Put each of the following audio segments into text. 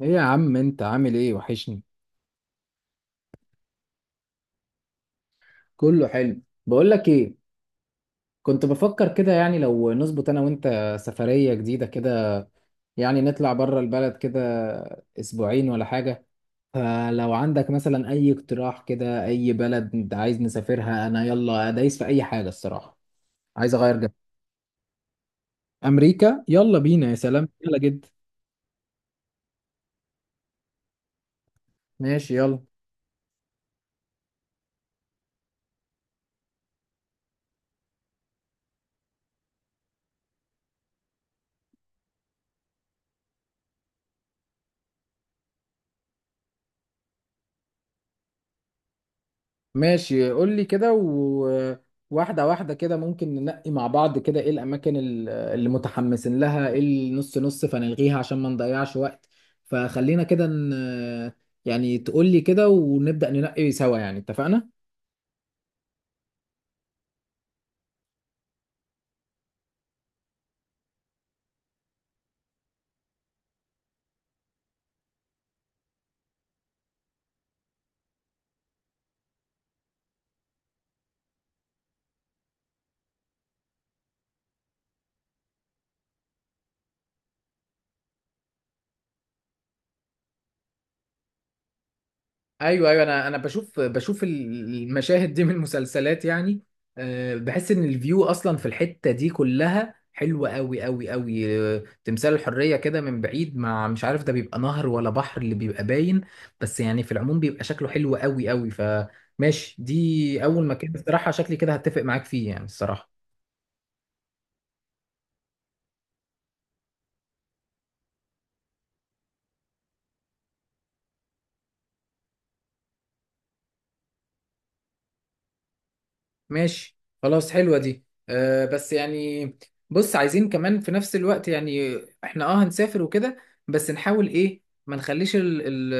ايه يا عم، انت عامل ايه؟ وحشني. كله حلو. بقول لك ايه، كنت بفكر كده يعني لو نظبط انا وانت سفرية جديدة كده. يعني نطلع بره البلد كده، اسبوعين ولا حاجة. فلو عندك مثلا اي اقتراح كده، اي بلد انت عايز نسافرها، انا يلا دايس في اي حاجة الصراحة. عايز اغير جو. امريكا يلا بينا، يا سلام، يلا جد. ماشي يلا. ماشي، قول لي كده، وواحدة واحدة كده ممكن ننقي مع بعض، كده ايه الأماكن اللي متحمسين لها، ايه النص نص فنلغيها عشان ما نضيعش وقت. فخلينا كده يعني تقول لي كده ونبدأ ننقي سوا يعني، اتفقنا؟ ايوه ايوه، انا بشوف المشاهد دي من المسلسلات يعني. بحس ان الفيو اصلا في الحته دي كلها حلوه قوي قوي قوي. تمثال الحريه كده من بعيد، مع مش عارف ده بيبقى نهر ولا بحر اللي بيبقى باين، بس يعني في العموم بيبقى شكله حلو قوي قوي. فماشي، دي اول مكان الصراحه شكلي كده هتفق معاك فيه يعني الصراحه. ماشي خلاص، حلوة دي. أه، بس يعني بص، عايزين كمان في نفس الوقت يعني احنا هنسافر وكده، بس نحاول ايه ما نخليش ال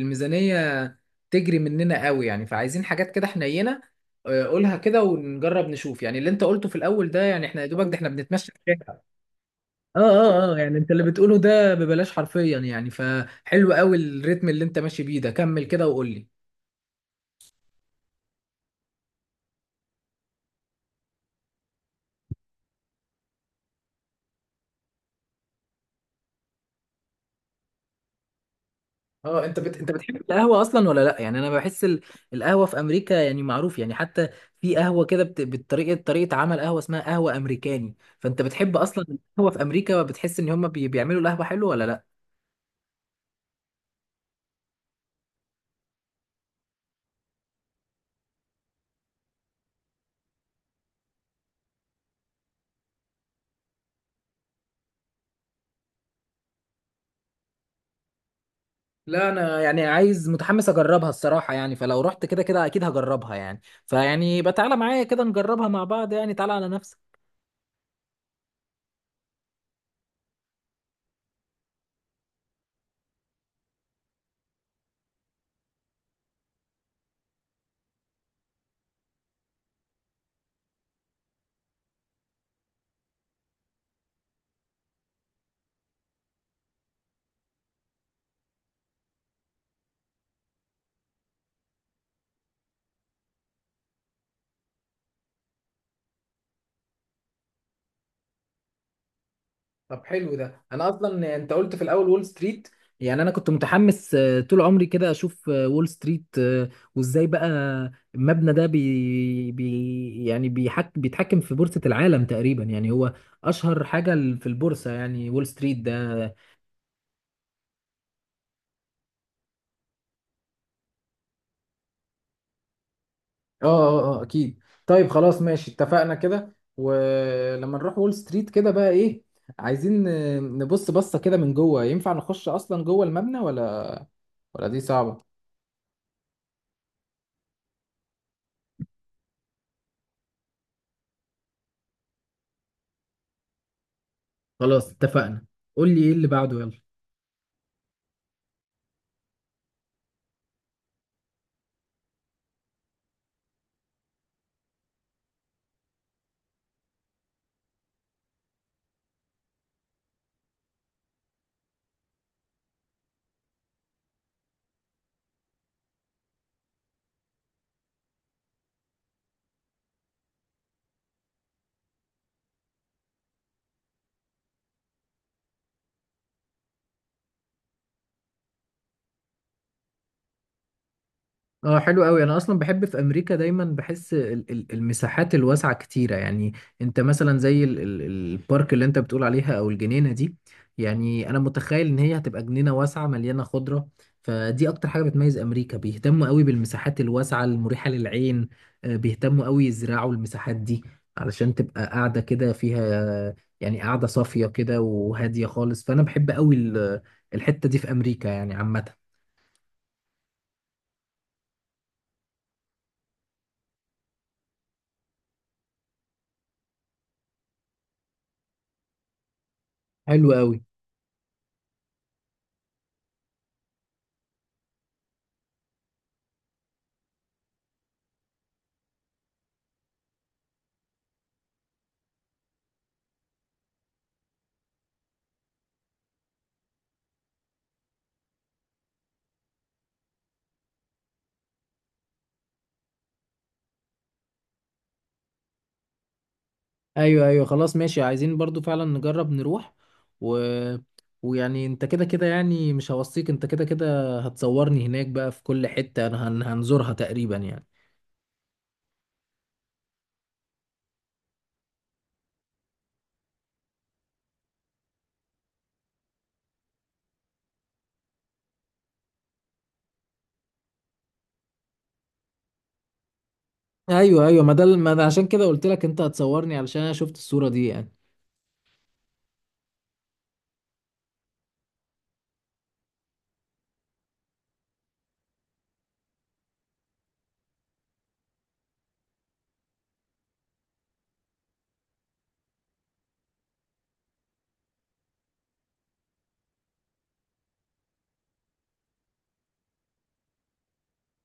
الميزانية تجري مننا قوي يعني، فعايزين حاجات كده حنينة. قولها كده، ونجرب نشوف يعني اللي انت قلته في الاول ده، يعني احنا يا دوبك ده احنا بنتمشى في الشارع. اه اه اه، يعني انت اللي بتقوله ده ببلاش حرفيا يعني، فحلو قوي الريتم اللي انت ماشي بيه ده، كمل كده وقول لي. اه، انت بتحب القهوه اصلا ولا لا؟ يعني انا بحس القهوه في امريكا يعني معروف يعني. حتى في قهوه كده طريقه عمل قهوه اسمها قهوه امريكاني. فانت بتحب اصلا القهوه في امريكا؟ بتحس ان هم بيعملوا القهوه حلو ولا لا؟ لا، انا يعني عايز متحمس اجربها الصراحه يعني. فلو رحت كده كده اكيد هجربها يعني. فيعني يبقى تعالى معايا كده نجربها مع بعض يعني، تعالى على نفسك. طب حلو ده. انا اصلا انت قلت في الاول وول ستريت، يعني انا كنت متحمس طول عمري كده اشوف وول ستريت. وازاي بقى المبنى ده بي بي يعني بيتحكم في بورصة العالم تقريبا يعني. هو اشهر حاجة في البورصة يعني وول ستريت ده. اه اه اه، اكيد. طيب خلاص ماشي، اتفقنا كده. ولما نروح وول ستريت كده بقى ايه، عايزين نبص بصة كده من جوه، ينفع نخش اصلا جوه المبنى ولا دي صعبة؟ خلاص اتفقنا. قول لي ايه اللي بعده يلا. اه حلو قوي. انا اصلا بحب في امريكا، دايما بحس المساحات الواسعه كتيره يعني. انت مثلا زي البارك اللي انت بتقول عليها، او الجنينه دي، يعني انا متخيل ان هي هتبقى جنينه واسعه مليانه خضره. فدي اكتر حاجه بتميز امريكا، بيهتموا قوي بالمساحات الواسعه المريحه للعين. بيهتموا قوي يزرعوا المساحات دي علشان تبقى قاعده كده فيها، يعني قاعده صافيه كده وهاديه خالص. فانا بحب قوي الحته دي في امريكا يعني عامه. حلو قوي. ايوه ايوه، خلاص ماشي، عايزين برضو فعلا نجرب نروح. و... ويعني انت كده كده يعني مش هوصيك، انت كده كده هتصورني هناك بقى في كل حتة انا هنزورها تقريبا يعني. ايوه ايوه، ما ده ما ده عشان كده قلت لك انت هتصورني، علشان انا شفت الصورة دي يعني.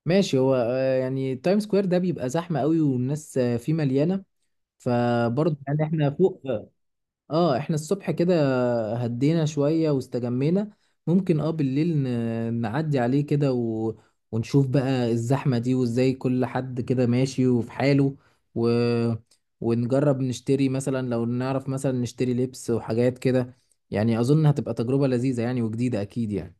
ماشي. هو يعني تايم سكوير ده بيبقى زحمة قوي، والناس فيه مليانة، فبرضه يعني احنا فوق. اه، احنا الصبح كده هدينا شوية واستجمينا، ممكن بالليل نعدي عليه كده ونشوف بقى الزحمة دي، وازاي كل حد كده ماشي وفي حاله. و... ونجرب نشتري مثلا، لو نعرف مثلا نشتري لبس وحاجات كده. يعني أظن هتبقى تجربة لذيذة يعني، وجديدة أكيد يعني.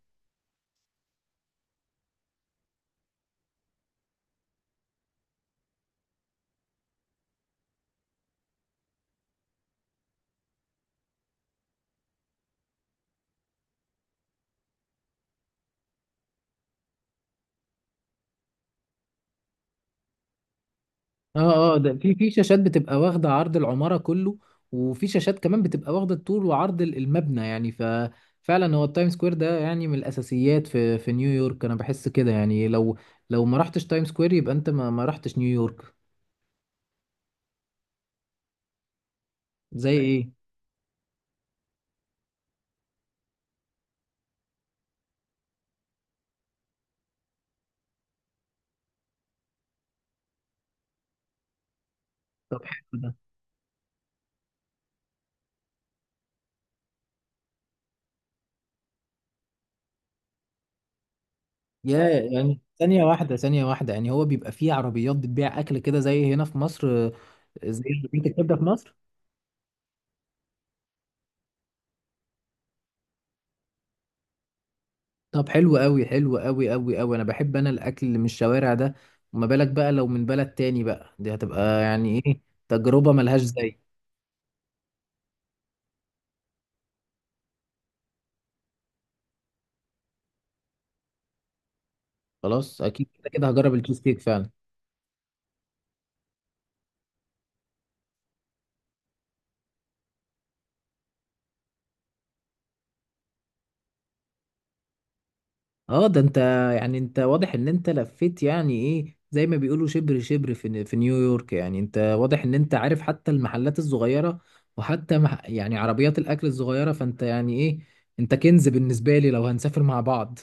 اه اه، ده في شاشات بتبقى واخده عرض العماره كله، وفي شاشات كمان بتبقى واخده الطول وعرض المبنى يعني. ففعلا هو التايم سكوير ده يعني من الاساسيات في نيويورك. انا بحس كده يعني لو ما رحتش تايم سكوير يبقى انت ما رحتش نيويورك. زي ايه؟ طب حلو ده. يعني ثانيه واحده ثانيه واحده، يعني هو بيبقى فيه عربيات بتبيع اكل كده زي هنا في مصر؟ زي عربية الكبده في مصر. طب حلو قوي، حلو قوي قوي قوي. انا بحب انا الاكل اللي من الشوارع ده، وما بالك بقى لو من بلد تاني بقى، دي هتبقى يعني ايه، تجربة ملهاش زي. خلاص اكيد كده كده هجرب التشيز كيك فعلا. اه، ده انت يعني انت واضح ان انت لفيت، يعني ايه زي ما بيقولوا شبر شبر في نيويورك. يعني انت واضح ان انت عارف حتى المحلات الصغيرة، وحتى يعني عربيات الاكل الصغيرة. فانت يعني ايه، انت كنز بالنسبة لي لو هنسافر مع بعض.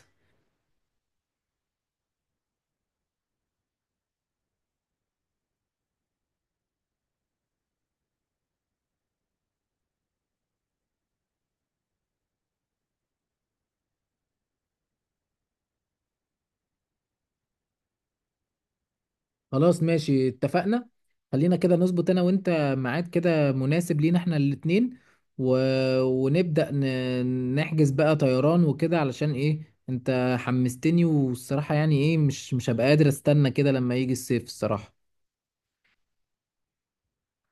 خلاص ماشي اتفقنا. خلينا كده نظبط انا وانت ميعاد كده مناسب لينا احنا الاتنين، و... ونبدأ نحجز بقى طيران وكده، علشان ايه انت حمستني، والصراحة يعني ايه مش هبقى قادر استنى كده لما يجي الصيف الصراحة.